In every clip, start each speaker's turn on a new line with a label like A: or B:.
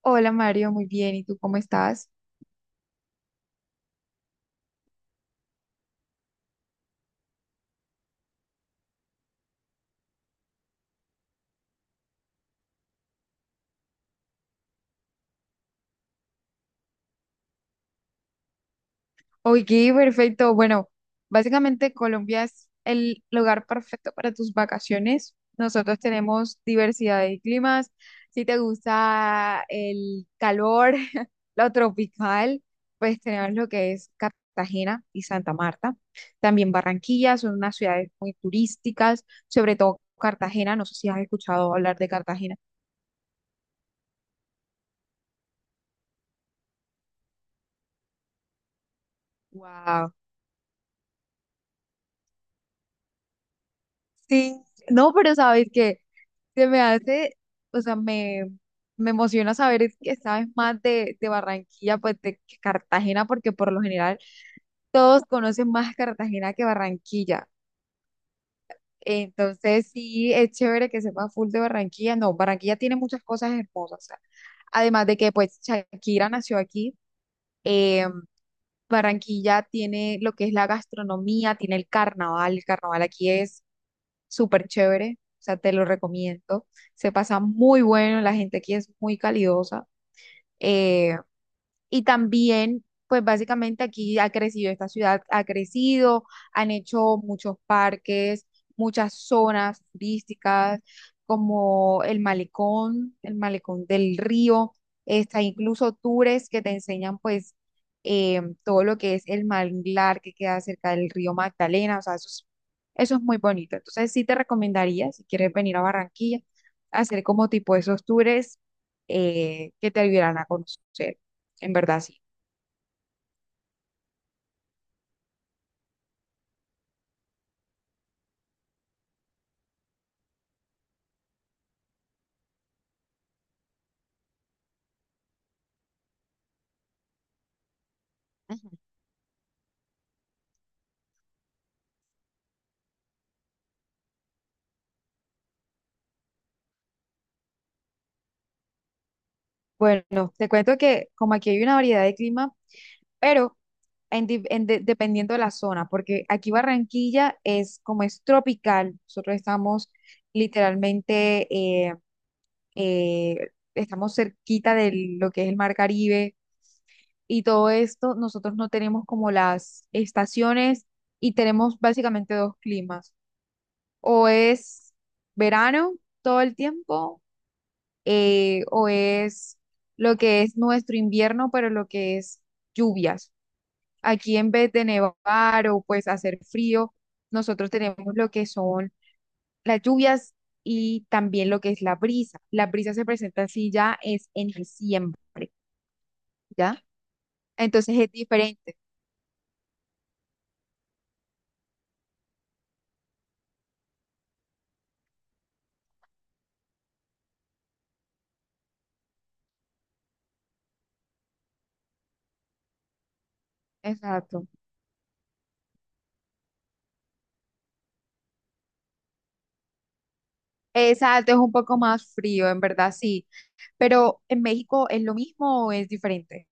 A: Hola, Mario, muy bien. ¿Y tú cómo estás? Oye, perfecto. Bueno, básicamente Colombia es el lugar perfecto para tus vacaciones. Nosotros tenemos diversidad de climas. Si te gusta el calor, lo tropical, pues tenemos lo que es Cartagena y Santa Marta. También Barranquilla, son unas ciudades muy turísticas, sobre todo Cartagena. No sé si has escuchado hablar de Cartagena. Wow. Sí, no, pero sabes que se me hace, o sea, me emociona saber que sabes más de Barranquilla, pues de que Cartagena, porque por lo general todos conocen más Cartagena que Barranquilla. Entonces, sí, es chévere que sepas full de Barranquilla. No, Barranquilla tiene muchas cosas hermosas. O sea, además de que pues Shakira nació aquí, eh, Barranquilla tiene lo que es la gastronomía, tiene el carnaval aquí es súper chévere, o sea, te lo recomiendo. Se pasa muy bueno, la gente aquí es muy calidosa. eh, y también, pues básicamente aquí ha crecido, esta ciudad ha crecido, han hecho muchos parques, muchas zonas turísticas, como el malecón del río, está incluso tours que te enseñan pues todo lo que es el manglar que queda cerca del río Magdalena, o sea, eso es muy bonito. Entonces sí te recomendaría, si quieres venir a Barranquilla, hacer como tipo esos tours que te ayudarán a conocer en verdad sí. Ujú. Bueno, te cuento que como aquí hay una variedad de clima, pero en di- en de- dependiendo de la zona, porque aquí Barranquilla es como es tropical, nosotros estamos literalmente, eh, estamos cerquita de lo que es el Mar Caribe y todo esto, nosotros no tenemos como las estaciones y tenemos básicamente dos climas, o es verano todo el tiempo o es lo que es nuestro invierno, pero lo que es lluvias. Aquí en vez de nevar o pues hacer frío, nosotros tenemos lo que son las lluvias y también lo que es la brisa. La brisa se presenta así ya es en diciembre, ¿ya? Entonces es diferente. Exacto. Exacto, es un poco más frío, en verdad, sí. Pero en México, ¿es lo mismo o es diferente?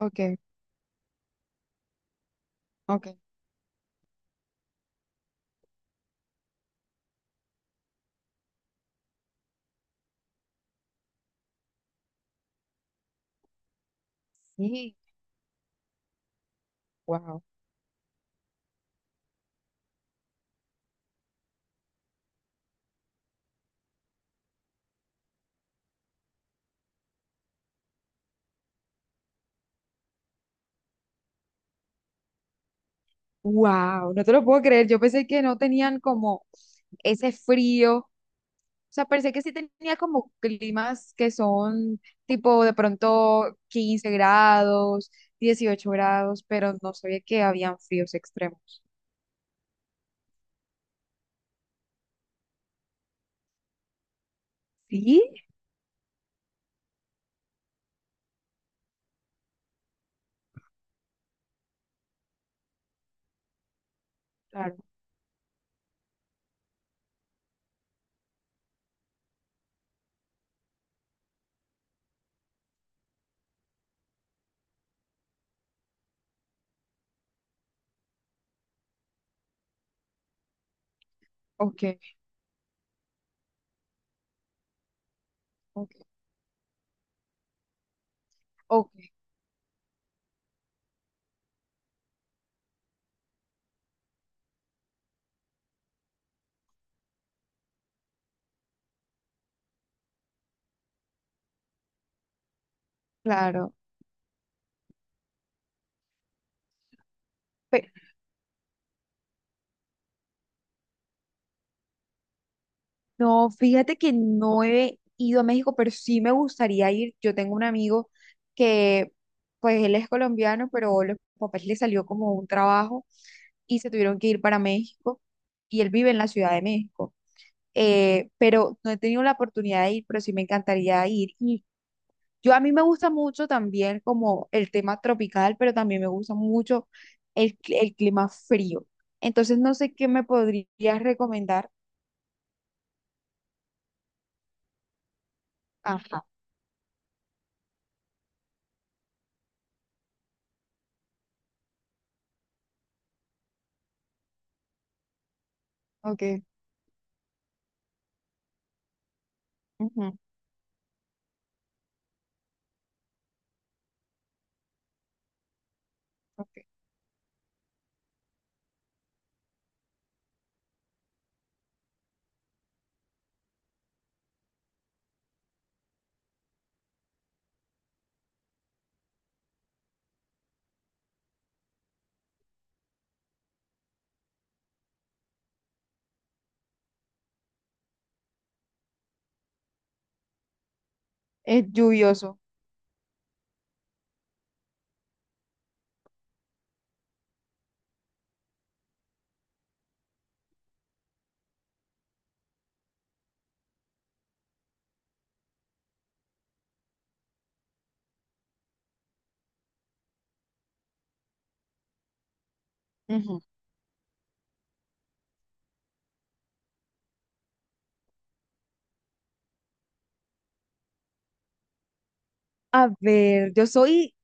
A: Okay, okay. Sí, wow. Wow, no te lo puedo creer. Yo pensé que no tenían como ese frío. O sea, pensé que sí tenía como climas que son tipo de pronto 15 grados, 18 grados, pero no sabía que habían fríos extremos. Sí. Claro, ok, ok, ok, claro. No, fíjate que no he ido a México, pero sí me gustaría ir. Yo tengo un amigo que, pues él es colombiano, pero los papás le salió como un trabajo y se tuvieron que ir para México y él vive en la Ciudad de México. Pero no he tenido la oportunidad de ir, pero sí me encantaría ir. Y yo a mí me gusta mucho también como el tema tropical, pero también me gusta mucho el clima frío. Entonces no sé qué me podrías recomendar. Ajá, ok. Ok. Es lluvioso. Ujú. A ver, yo soy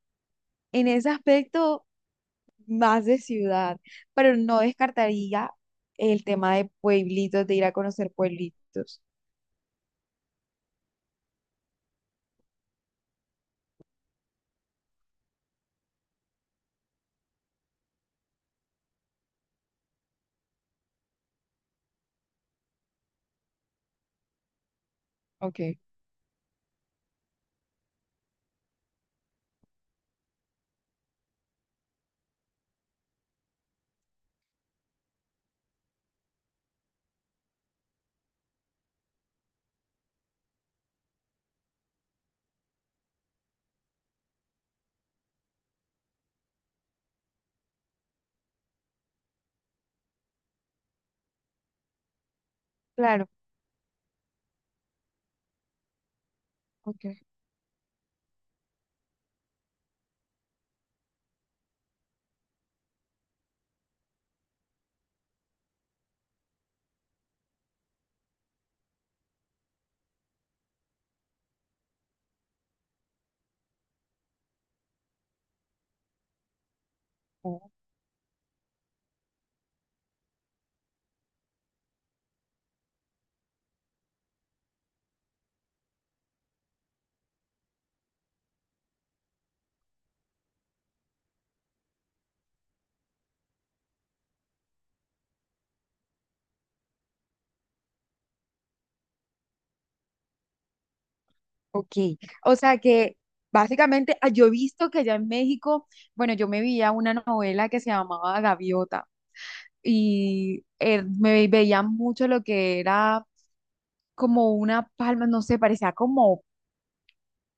A: en ese aspecto más de ciudad, pero no descartaría el tema de pueblitos, de ir a conocer pueblitos. Ok, claro, ok. Oh, ok. O sea que básicamente yo he visto que allá en México, bueno, yo me veía una novela que se llamaba Gaviota y me veía mucho lo que era como una palma, no sé, parecía como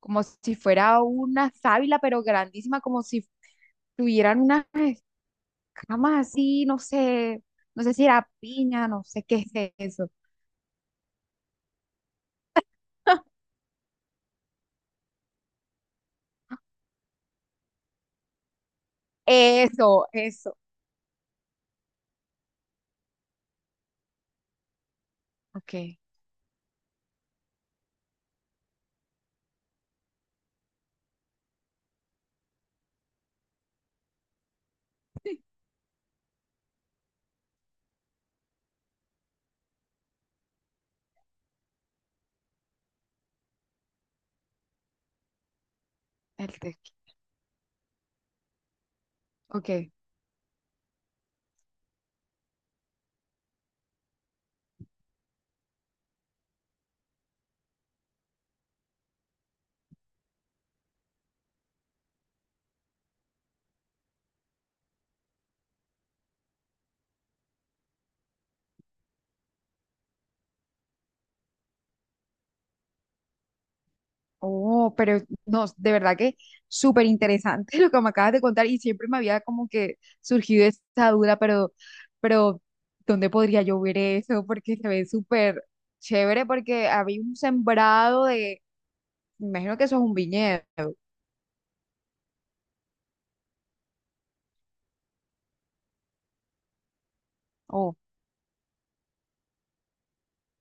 A: si fuera una sábila, pero grandísima, como si tuvieran unas escamas así, no sé, si era piña, no sé qué es eso. Eso, eso. Ok. el tequi. Ok. Oh, pero no, de verdad que súper interesante lo que me acabas de contar y siempre me había como que surgido esa duda, pero, ¿dónde podría yo ver eso? Porque se ve súper chévere porque había un sembrado me imagino que eso es un viñedo. Oh,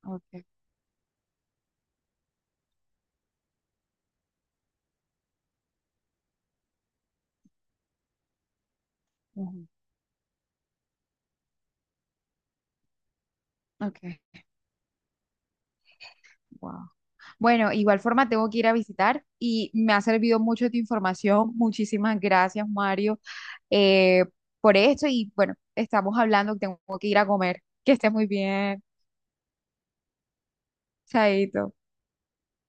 A: okay. Ujú. Okay. Wow. Bueno, igual forma tengo que ir a visitar y me ha servido mucho tu información. Muchísimas gracias, Mario, eh, por esto. Y bueno, estamos hablando, tengo que ir a comer. Que estés muy bien. Chaito.